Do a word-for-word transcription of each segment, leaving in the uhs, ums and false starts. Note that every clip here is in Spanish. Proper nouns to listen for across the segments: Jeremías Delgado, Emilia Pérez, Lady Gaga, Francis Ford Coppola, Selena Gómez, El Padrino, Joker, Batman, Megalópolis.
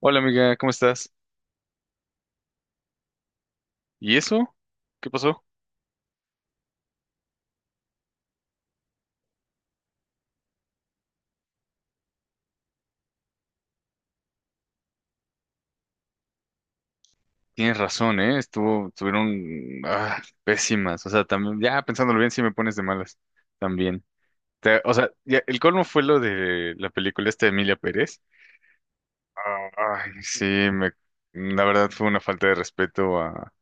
Hola amiga, ¿cómo estás? ¿Y eso? ¿Qué pasó? Tienes razón, ¿eh? Estuvo, estuvieron ah, pésimas. O sea, también, ya pensándolo bien, sí me pones de malas. También. Te- o sea, ya, el colmo fue lo de la película esta de Emilia Pérez. Ay, sí, me, la verdad fue una falta de respeto a,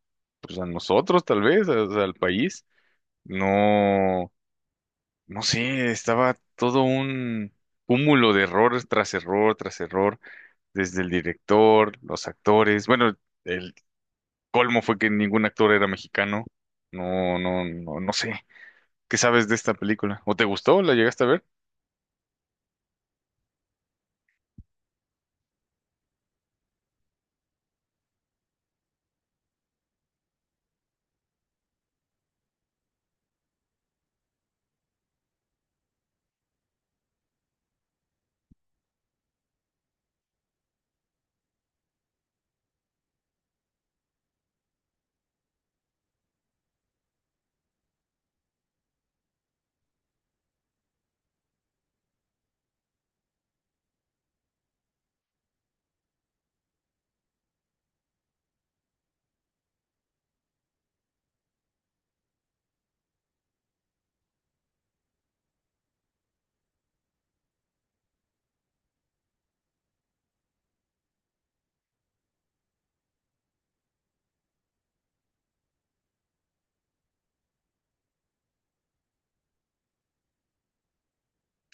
pues a nosotros, tal vez, a- o sea, al país. No, no sé, estaba todo un cúmulo de errores tras error, tras error. Desde el director, los actores. Bueno, el colmo fue que ningún actor era mexicano. No, no, no, no sé. ¿Qué sabes de esta película? ¿O te gustó? ¿La llegaste a ver?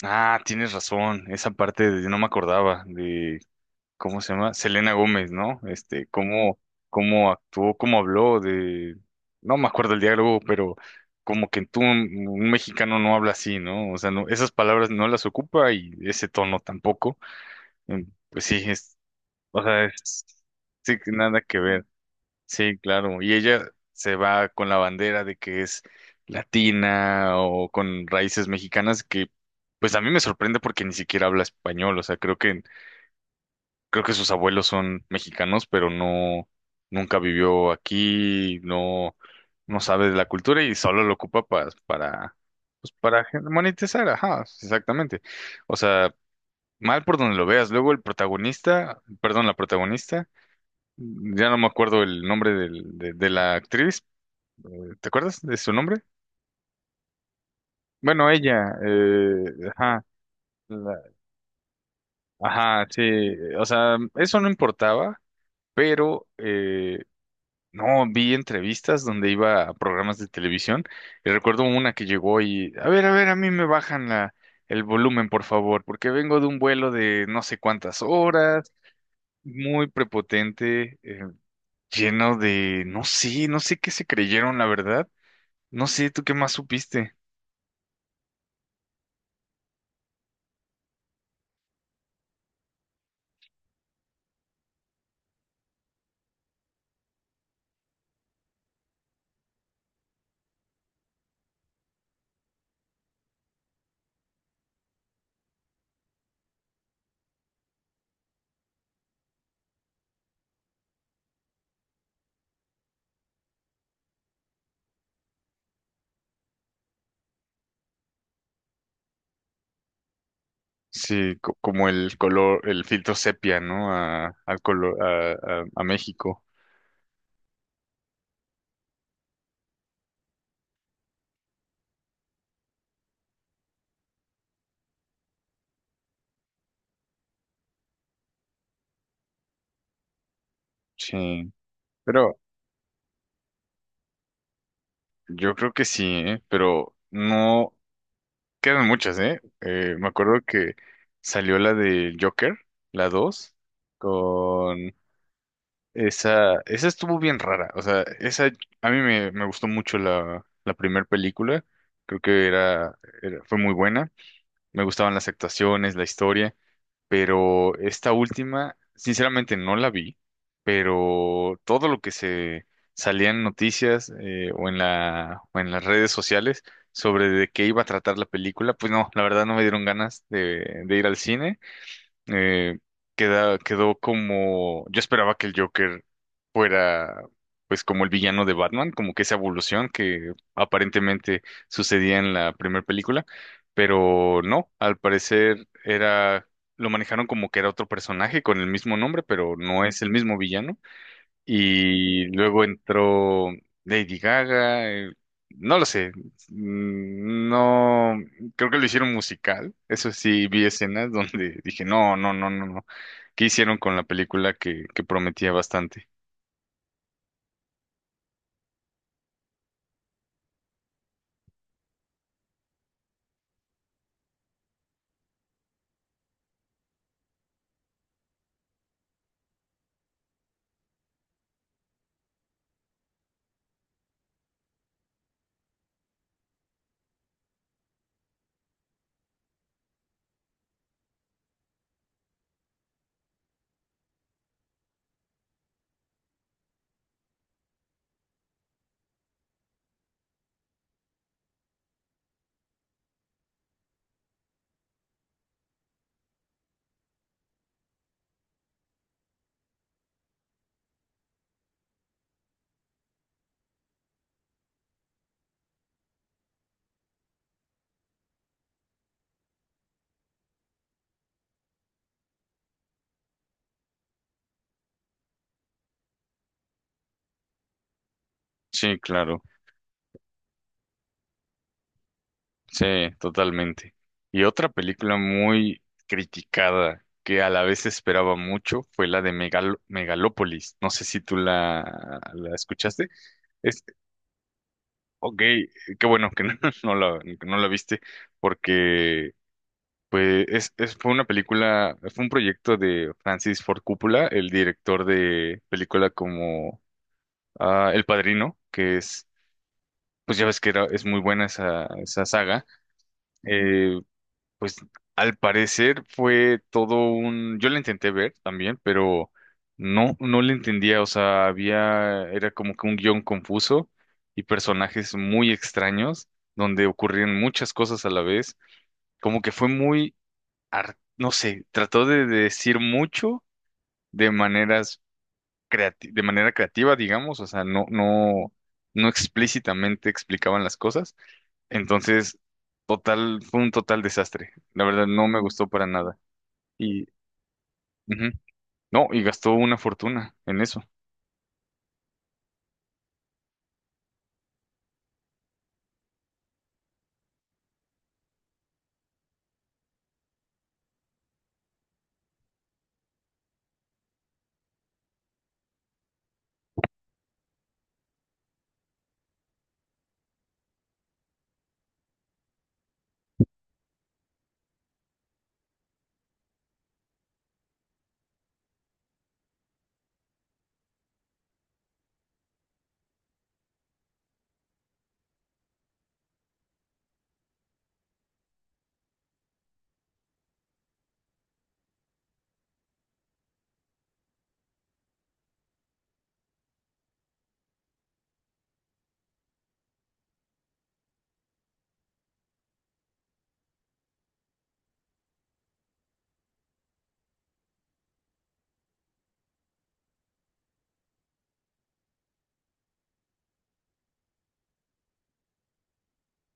Ah, tienes razón. Esa parte de, no me acordaba de cómo se llama, Selena Gómez, ¿no? Este, cómo, cómo actuó, cómo habló de, no me acuerdo el diálogo, pero como que tú, un, un mexicano no habla así, ¿no? O sea, no, esas palabras no las ocupa y ese tono tampoco. Em, Pues sí, es. O sea, es- sí, que nada que ver. Sí, claro. Y ella se va con la bandera de que es latina o con raíces mexicanas que, pues a mí me sorprende porque ni siquiera habla español. O sea, creo que, creo que sus abuelos son mexicanos, pero no, nunca vivió aquí, no, no sabe de la cultura y solo lo ocupa para, para, pues para gen- monetizar. Ajá, exactamente. O sea, mal por donde lo veas. Luego el protagonista, perdón, la protagonista. Ya no me acuerdo el nombre del- de, de la actriz. eh, ¿Te acuerdas de su nombre? Bueno, ella. Eh, ajá. la- ajá, sí. O sea, eso no importaba, pero eh, no vi entrevistas donde iba a programas de televisión. Y recuerdo una que llegó y, a ver, a ver, a mí me bajan la, el volumen, por favor, porque vengo de un vuelo de no sé cuántas horas, muy prepotente, eh, lleno de, no sé, no sé qué se creyeron, la verdad. No sé, ¿tú qué más supiste? Sí, co- como el color, el filtro sepia, ¿no? A, al color, a, a- a México. Sí. Pero yo creo que sí, ¿eh? Pero no quedan muchas, ¿eh? Eh, me acuerdo que salió la de Joker, la dos, con esa, esa estuvo bien rara. O sea, esa, a mí me, me gustó mucho la, la primera película. Creo que era, era- fue muy buena. Me gustaban las actuaciones, la historia. Pero esta última, sinceramente no la vi, pero todo lo que se salía en noticias eh, o en la, o en las redes sociales sobre de qué iba a tratar la película, pues no, la verdad no me dieron ganas de, de ir al cine. eh, queda, Quedó como, yo esperaba que el Joker fuera pues como el villano de Batman, como que esa evolución que aparentemente sucedía en la primera película, pero no, al parecer era, lo manejaron como que era otro personaje con el mismo nombre, pero no es el mismo villano. Y luego entró Lady Gaga. Eh, no lo sé, mm, no, creo que lo hicieron musical, eso sí, vi escenas donde dije, no, no, no, no, no, ¿qué hicieron con la película que, que prometía bastante? Sí, claro, sí, totalmente. Y otra película muy criticada que a la vez esperaba mucho fue la de Megal- Megalópolis, no sé si tú la, la escuchaste. Ok, eh, qué bueno que no, no la, que no la viste, porque pues es, es- fue una película, fue un proyecto de Francis Ford Coppola, el director de película como ah, El Padrino, que es, pues ya ves que era, es muy buena esa, esa saga. eh, pues al parecer fue todo un, yo la intenté ver también, pero no, no la entendía, o sea, había, era como que un guión confuso y personajes muy extraños donde ocurrían muchas cosas a la vez, como que fue muy, ar- no sé, trató de decir mucho de maneras creati- de manera creativa, digamos, o sea, no, no, no explícitamente explicaban las cosas, entonces, total, fue un total desastre, la verdad no me gustó para nada. Y, ujú. No, y gastó una fortuna en eso.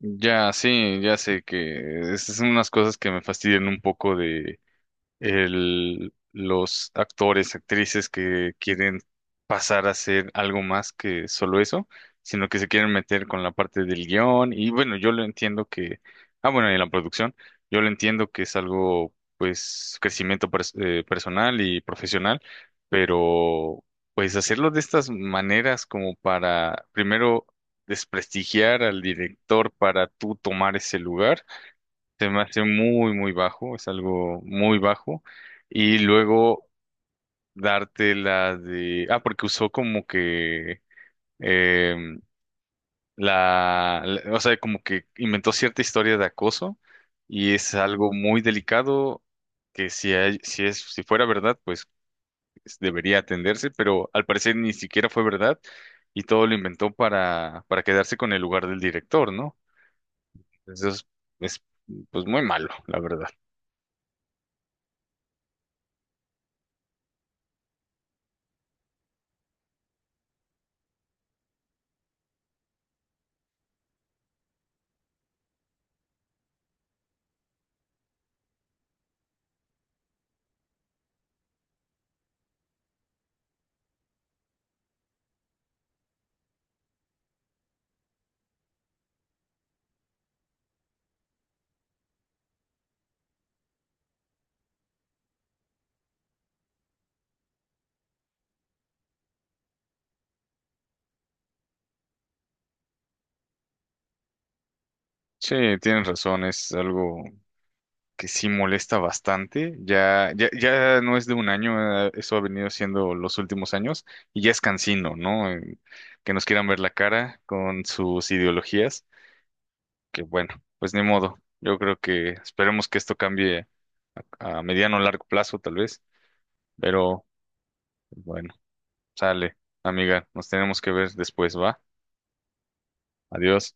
Ya, sí, ya sé que esas son unas cosas que me fastidian un poco de, el- los actores, actrices que quieren pasar a ser algo más que solo eso, sino que se quieren meter con la parte del guión. Y bueno, yo lo entiendo que, ah, bueno, y la producción, yo lo entiendo que es algo, pues, crecimiento pers- eh, personal y profesional, pero pues hacerlo de estas maneras como para, primero, desprestigiar al director para tú tomar ese lugar se me hace muy, muy bajo, es algo muy bajo. Y luego darte la de... Ah, porque usó como que... em, la, la- O sea, como que inventó cierta historia de acoso y es algo muy delicado que si, hay- si, es, si fuera verdad, pues es- debería atenderse, pero al parecer ni siquiera fue verdad y todo lo inventó para, para quedarse con el lugar del director, ¿no? Entonces, es pues muy malo, la verdad. Sí, tienes razón, es algo que sí molesta bastante. Ya, ya, ya no es de un año, eh, eso ha venido siendo los últimos años y ya es cansino, ¿no? Eh, Que nos quieran ver la cara con sus ideologías, que bueno, pues ni modo. Yo creo que esperemos que esto cambie a mediano o largo plazo, tal vez, pero pues bueno, sale, amiga, nos tenemos que ver después, ¿va? Adiós.